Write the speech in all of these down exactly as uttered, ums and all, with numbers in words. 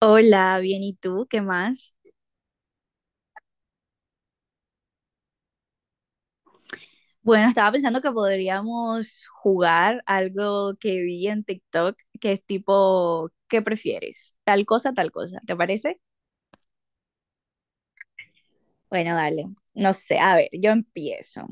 Hola, bien, ¿y tú? ¿Qué más? Bueno, estaba pensando que podríamos jugar algo que vi en TikTok, que es tipo, ¿qué prefieres? Tal cosa, tal cosa, ¿te parece? Bueno, dale. No sé, a ver, yo empiezo.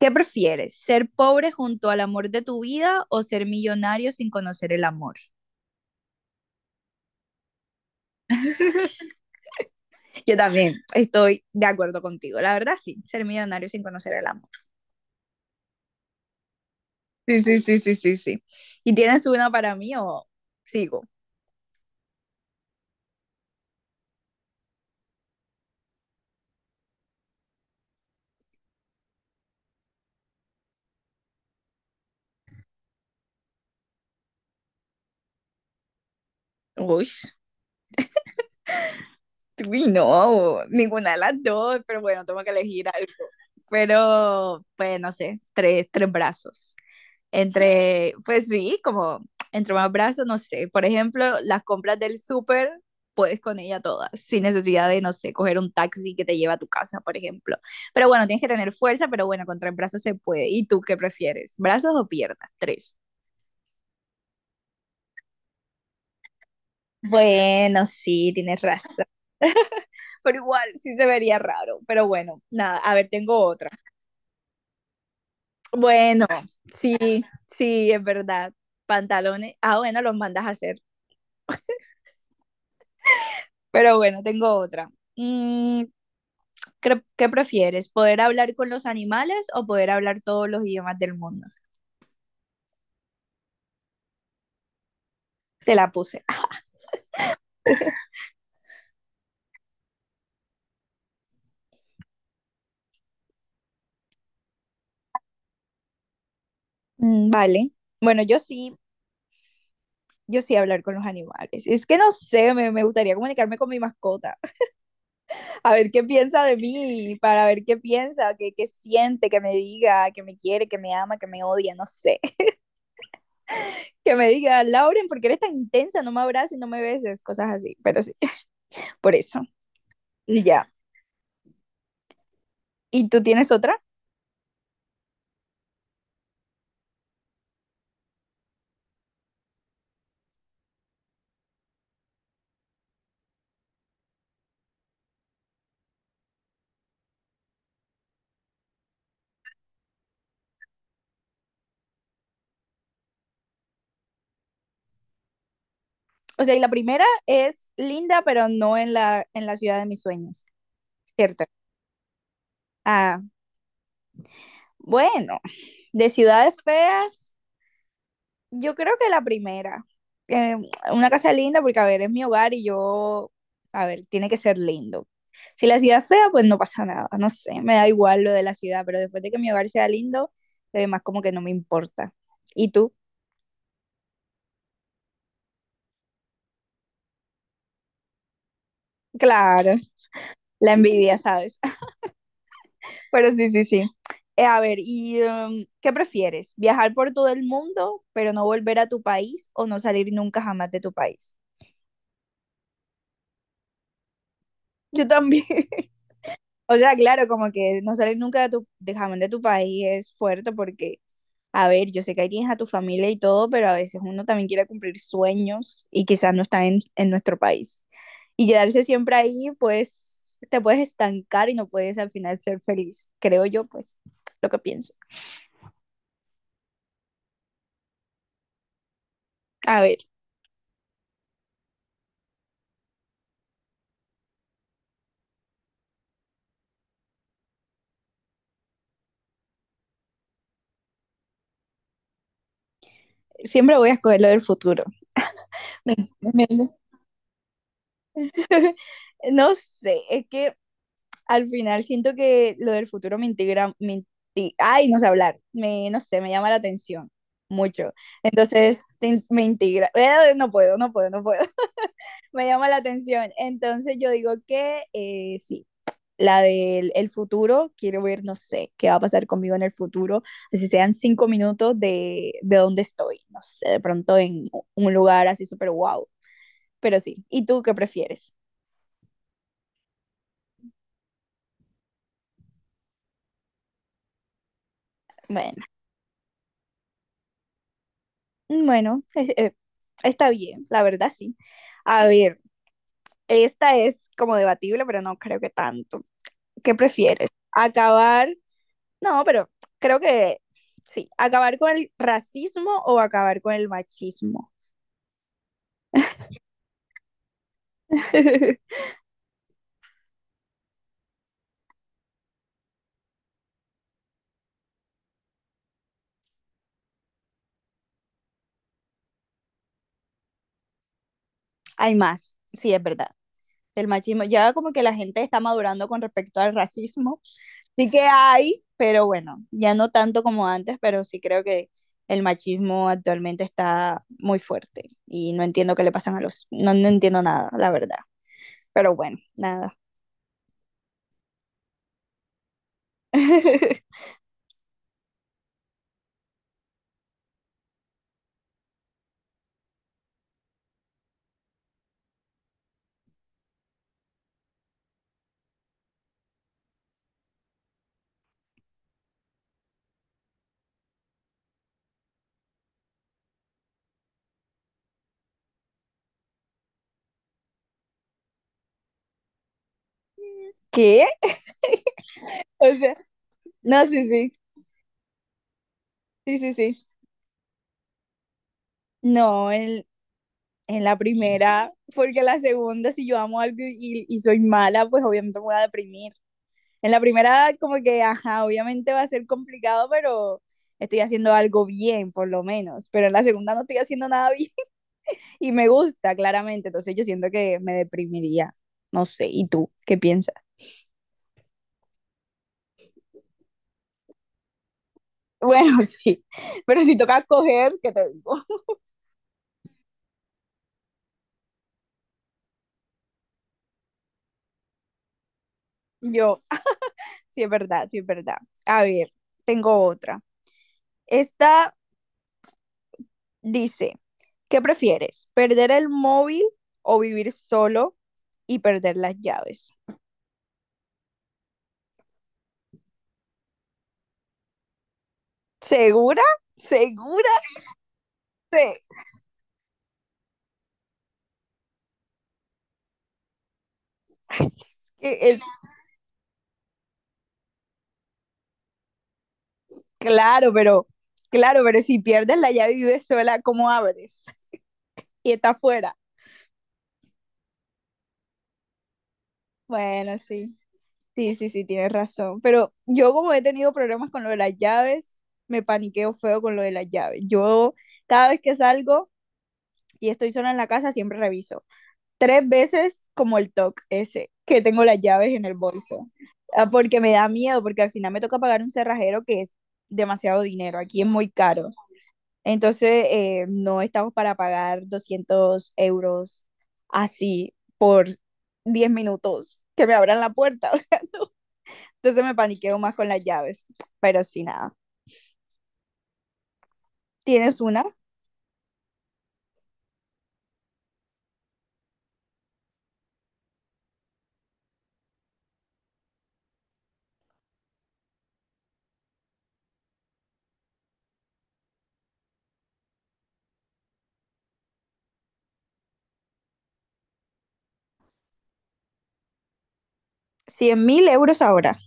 ¿Qué prefieres? ¿Ser pobre junto al amor de tu vida o ser millonario sin conocer el amor? Yo también estoy de acuerdo contigo, la verdad sí, ser millonario sin conocer el amor. Sí, sí, sí, sí, sí, sí. ¿Y tienes una para mí o sigo? Uy. Uy, no, ninguna de las dos, pero bueno, tengo que elegir algo. Pero, pues, no sé, tres, tres brazos. Entre, pues sí, como entre más brazos, no sé. Por ejemplo, las compras del súper, puedes con ella todas, sin necesidad de, no sé, coger un taxi que te lleva a tu casa, por ejemplo. Pero bueno, tienes que tener fuerza, pero bueno, con tres brazos se puede. ¿Y tú qué prefieres? ¿Brazos o piernas? Tres. Bueno, sí, tienes razón. Pero igual, sí se vería raro. Pero bueno, nada, a ver, tengo otra. Bueno, sí, sí, es verdad. Pantalones. Ah, bueno, los mandas a hacer. Pero bueno, tengo otra. Mm, cre- ¿Qué prefieres? ¿Poder hablar con los animales o poder hablar todos los idiomas del mundo? Te la puse. Mm, vale. Bueno, yo sí, yo sí hablar con los animales. Es que no sé, me, me gustaría comunicarme con mi mascota. A ver qué piensa de mí, para ver qué piensa, qué, qué siente, que me diga, que me quiere, que me ama, que me odia, no sé. Que me diga, Lauren, ¿por qué eres tan intensa? No me abraces, no me beses, cosas así, pero sí, por eso. Y ya. ¿Y tú tienes otra? O sea, y la primera es linda, pero no en la, en la ciudad de mis sueños, ¿cierto? Ah, bueno, de ciudades feas, yo creo que la primera. Eh, una casa linda, porque a ver, es mi hogar y yo, a ver, tiene que ser lindo. Si la ciudad es fea, pues no pasa nada, no sé, me da igual lo de la ciudad, pero después de que mi hogar sea lindo, lo demás como que no me importa. ¿Y tú? Claro, la envidia, ¿sabes? Pero sí, sí, sí. Eh, a ver, ¿y em, qué prefieres? ¿Viajar por todo el mundo, pero no volver a tu país o no salir nunca jamás de tu país? Yo también. O sea, claro, como que no salir nunca de tu, de jamás de tu país es fuerte porque, a ver, yo sé que ahí tienes a tu familia y todo, pero a veces uno también quiere cumplir sueños y quizás no está en, en nuestro país. Y quedarse siempre ahí, pues te puedes estancar y no puedes al final ser feliz, creo yo, pues lo que pienso. A ver, siempre voy a escoger lo del futuro. Tremendo. No sé, es que al final siento que lo del futuro me integra, me inti- ay, no sé hablar, me, no sé, me llama la atención mucho. Entonces te in- me integra, eh, no puedo, no puedo, no puedo, me llama la atención. Entonces yo digo que eh, sí, la del el futuro, quiero ver, no sé, qué va a pasar conmigo en el futuro, así sean cinco minutos de, de dónde estoy, no sé, de pronto en un lugar así súper guau, pero sí. ¿Y tú qué prefieres? Bueno, mm, bueno, eh, eh, está bien, la verdad sí. A ver, esta es como debatible, pero no creo que tanto. ¿Qué prefieres? ¿Acabar? No, pero creo que sí. ¿Acabar con el racismo o acabar con el machismo? Hay más, sí, es verdad. El machismo, ya como que la gente está madurando con respecto al racismo. Sí que hay, pero bueno, ya no tanto como antes, pero sí creo que el machismo actualmente está muy fuerte y no entiendo qué le pasan a los, no, no entiendo nada, la verdad. Pero bueno, nada. ¿Qué? O sea, no, sí, sí, sí, sí, sí. No, en, en la primera, porque la segunda, si yo amo algo y, y soy mala, pues obviamente me voy a deprimir. En la primera, como que, ajá, obviamente va a ser complicado, pero estoy haciendo algo bien, por lo menos. Pero en la segunda no estoy haciendo nada bien, y me gusta, claramente. Entonces yo siento que me deprimiría. No sé, ¿y tú qué piensas? Bueno, sí, pero si toca coger, ¿qué te digo? Yo, ah, sí es verdad, sí es verdad. A ver, tengo otra. Esta dice, ¿qué prefieres? ¿Perder el móvil o vivir solo y perder las llaves? ¿Segura? ¿Segura? Sí. Es, claro, pero claro, pero si pierdes la llave y vives sola, ¿cómo abres? Y está afuera. Bueno, sí. Sí, sí, sí, tienes razón. Pero yo como he tenido problemas con lo de las llaves, me paniqueo feo con lo de las llaves. Yo cada vez que salgo y estoy sola en la casa, siempre reviso. Tres veces como el TOC ese, que tengo las llaves en el bolso. Ah. Porque me da miedo, porque al final me toca pagar un cerrajero que es demasiado dinero. Aquí es muy caro. Entonces, eh, no estamos para pagar doscientos euros así por diez minutos que me abran la puerta. Entonces me paniqueo más con las llaves. Pero sí, nada. ¿Tienes una? Cien mil euros ahora.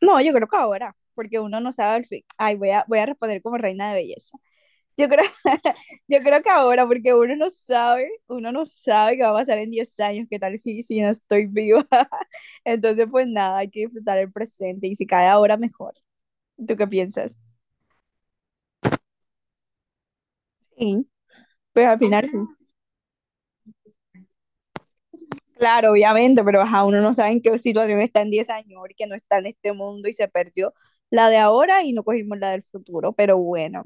No, yo creo que ahora, porque uno no sabe el fin. Ay, voy a, voy a responder como reina de belleza. Yo creo, yo creo que ahora, porque uno no sabe, uno no sabe qué va a pasar en diez años, qué tal si, si no estoy viva. Entonces, pues nada, hay que disfrutar el presente y si cae ahora, mejor. ¿Tú qué piensas? Sí. Pues al final, sí. Claro, obviamente, pero ajá, uno no sabe en qué situación está en diez años, que no está en este mundo y se perdió la de ahora y no cogimos la del futuro. Pero bueno,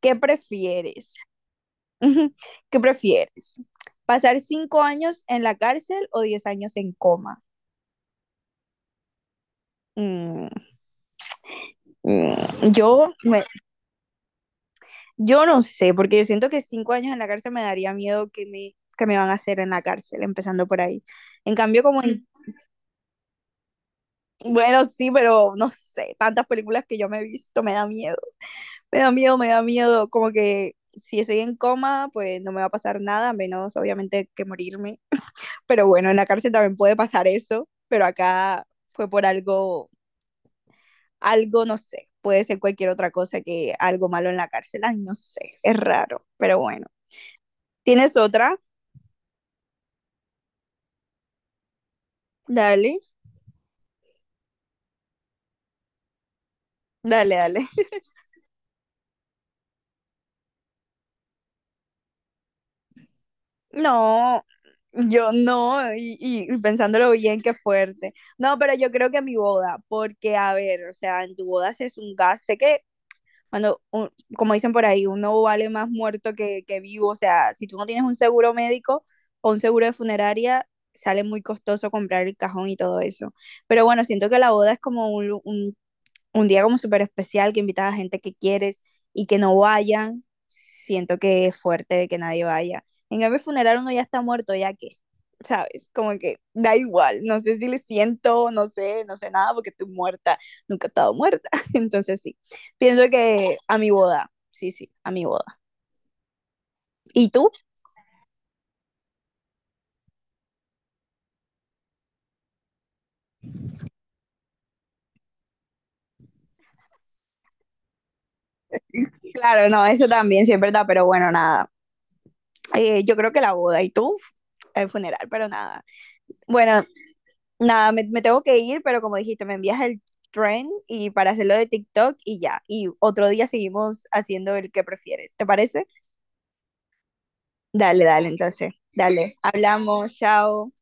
¿qué prefieres? Ujú. ¿Qué prefieres? ¿Pasar cinco años en la cárcel o diez años en coma? Mm, mm, yo, me, yo no sé, porque yo siento que cinco años en la cárcel me daría miedo que me, que me van a hacer en la cárcel, empezando por ahí. En cambio, como en, bueno, sí, pero no sé, tantas películas que yo me he visto me da miedo. Me da miedo, me da miedo, como que si estoy en coma, pues no me va a pasar nada, menos obviamente que morirme. Pero bueno, en la cárcel también puede pasar eso, pero acá fue por algo, algo, no sé, puede ser cualquier otra cosa que algo malo en la cárcel, ay, no sé, es raro, pero bueno. ¿Tienes otra? Dale, dale, dale. No, yo no, y, y pensándolo bien, qué fuerte. No, pero yo creo que mi boda, porque a ver, o sea, en tu boda se es un gas, sé que cuando, un- como dicen por ahí, uno vale más muerto que, que vivo, o sea, si tú no tienes un seguro médico o un seguro de funeraria, sale muy costoso comprar el cajón y todo eso. Pero bueno, siento que la boda es como un, lu- un un día como súper especial, que invitas a gente que quieres y que no vayan, siento que es fuerte de que nadie vaya. En cambio, el funeral uno ya está muerto, ya que, ¿sabes? Como que da igual, no sé si le siento, no sé, no sé nada porque estoy muerta, nunca he estado muerta. Entonces sí, pienso que a mi boda, sí, sí, a mi boda. ¿Y tú? Claro, no, eso también, sí es verdad, pero bueno, nada. Eh, yo creo que la boda y tú, el funeral, pero nada. Bueno, nada, me, me tengo que ir, pero como dijiste, me envías el trend y para hacerlo de TikTok y ya. Y otro día seguimos haciendo el que prefieres. ¿Te parece? Dale, dale, entonces. Dale. Hablamos, chao.